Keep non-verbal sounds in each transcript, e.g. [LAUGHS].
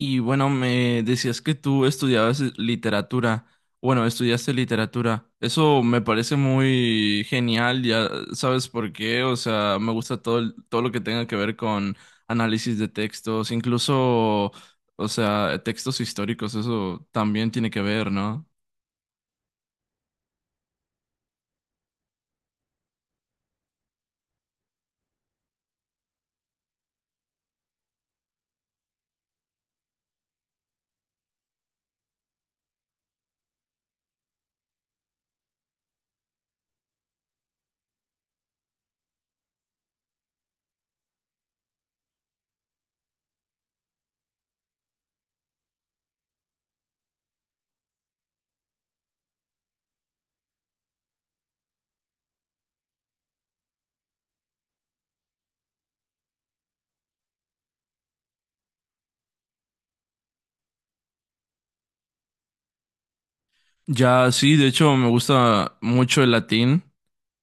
Y bueno, me decías que tú estudiabas literatura. Bueno, estudiaste literatura. Eso me parece muy genial, ya sabes por qué. O sea, me gusta todo, todo lo que tenga que ver con análisis de textos, incluso, o sea, textos históricos, eso también tiene que ver, ¿no? Ya, sí, de hecho, me gusta mucho el latín.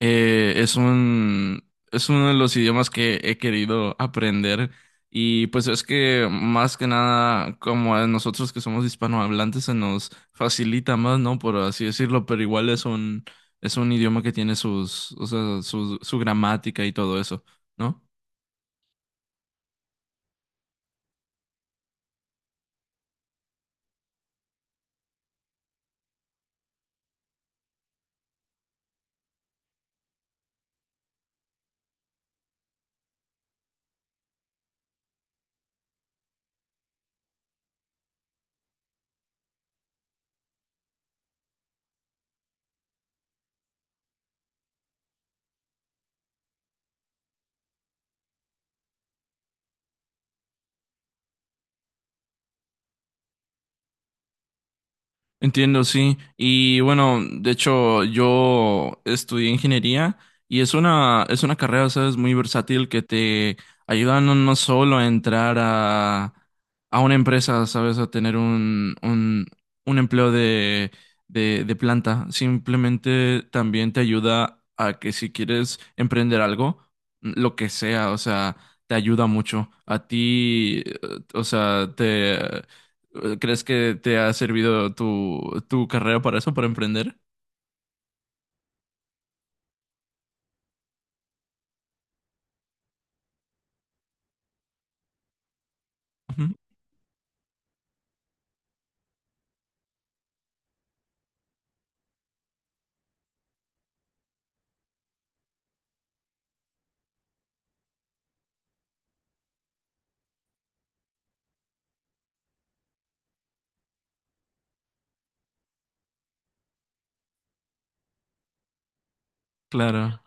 Eh, es un, es uno de los idiomas que he querido aprender, y pues es que más que nada, como a nosotros que somos hispanohablantes, se nos facilita más, ¿no? Por así decirlo, pero igual es un idioma que tiene o sea, su gramática y todo eso, ¿no? Entiendo, sí. Y bueno, de hecho, yo estudié ingeniería y es una carrera, sabes, muy versátil, que te ayuda no solo a a una empresa, sabes, a tener un empleo de planta, simplemente. También te ayuda a que, si quieres emprender algo, lo que sea, o sea, te ayuda mucho. A ti, o sea, te… ¿Crees que te ha servido tu carrera para eso, para emprender? Ujú. Claro.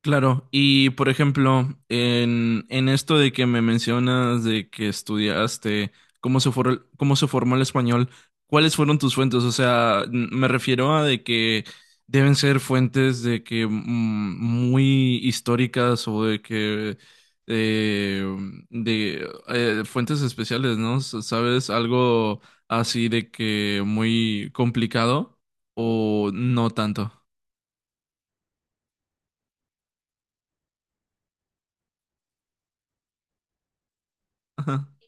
Claro, y por ejemplo, en esto de que me mencionas de que estudiaste cómo se formó el español, ¿cuáles fueron tus fuentes? O sea, me refiero a de que deben ser fuentes de que muy históricas, o de que eh, de fuentes especiales, ¿no? ¿Sabes? Algo así de que muy complicado o no tanto. [LAUGHS]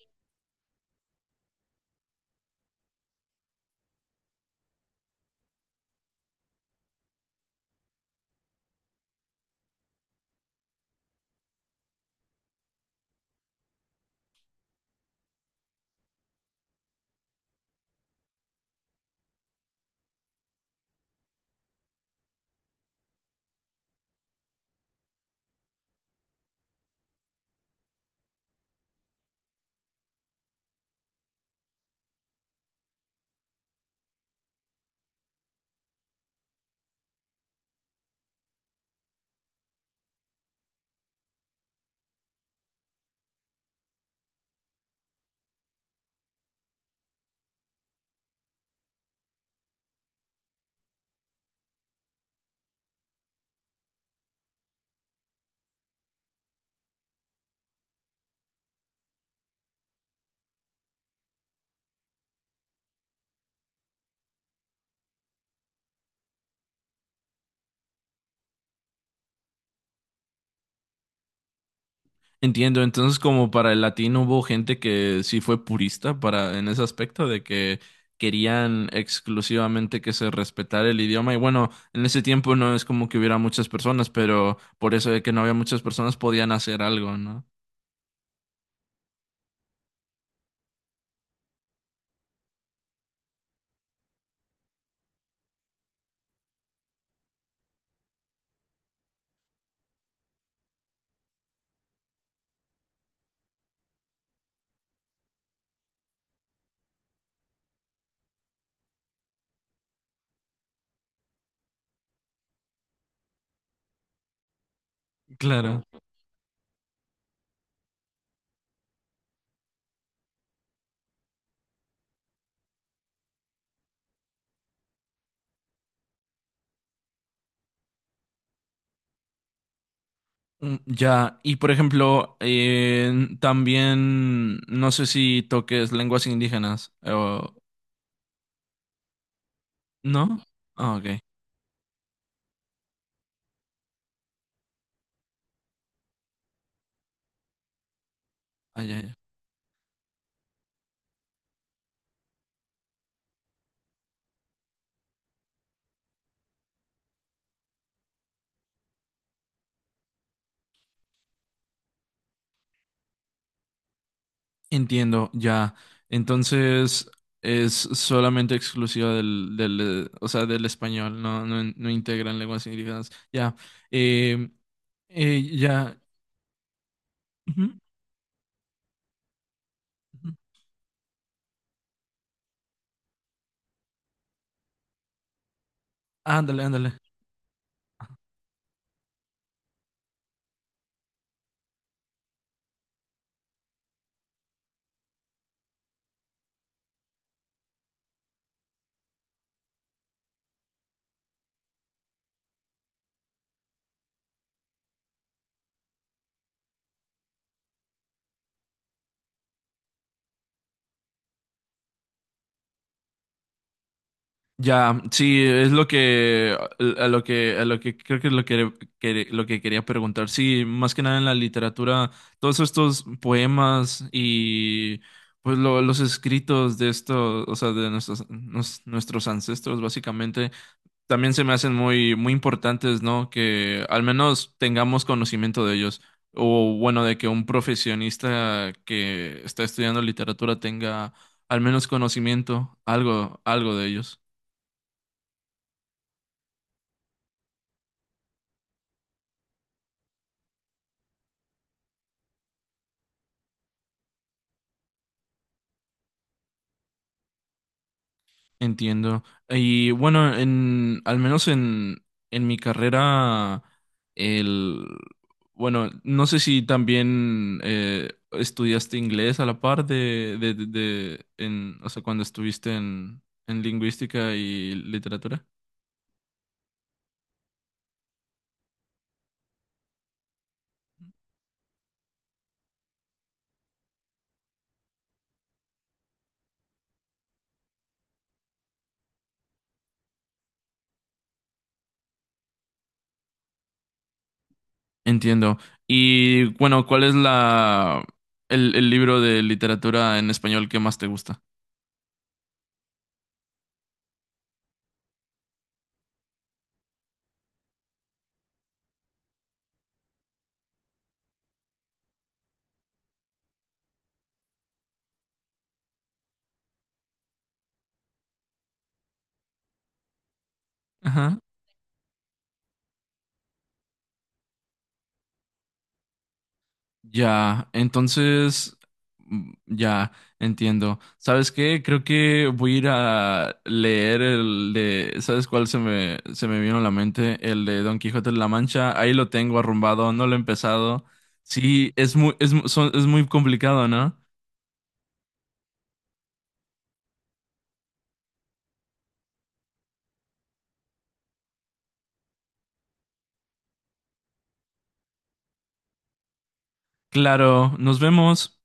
Entiendo, entonces como para el latino hubo gente que sí fue purista para en ese aspecto de que querían exclusivamente que se respetara el idioma. Y bueno, en ese tiempo no es como que hubiera muchas personas, pero por eso de que no había muchas personas podían hacer algo, ¿no? Claro. Mm, ya. Y por ejemplo, también no sé si toques lenguas indígenas o no. Ah, ok. Ah, ya, ya. Entiendo, ya. Entonces es solamente exclusiva del, o sea, del español, no integran lenguas indígenas. Ya. Eh, ya. Ujú, ujú. Ándale, ándale. Ya, sí, es lo que… a lo que creo que es lo que, lo que quería preguntar. Sí, más que nada en la literatura, todos estos poemas y pues los escritos de estos, o sea, de nuestros nuestros ancestros básicamente, también se me hacen muy, muy importantes, ¿no? Que al menos tengamos conocimiento de ellos. O bueno, de que un profesionista que está estudiando literatura tenga al menos conocimiento, algo, algo de ellos. Entiendo. Y bueno, al menos en mi carrera, el… bueno, no sé si también estudiaste inglés a la par de, o sea, cuando estuviste en lingüística y literatura. Entiendo. Y bueno, ¿cuál es el libro de literatura en español que más te gusta? Ajá. Ya, entonces, mm, ya, entiendo. ¿Sabes qué? Creo que voy a ir a leer el de… ¿sabes cuál se me vino a la mente? El de Don Quijote de la Mancha. Ahí lo tengo arrumbado, no lo he empezado. Sí, es muy, es muy complicado, ¿no? Claro, nos vemos.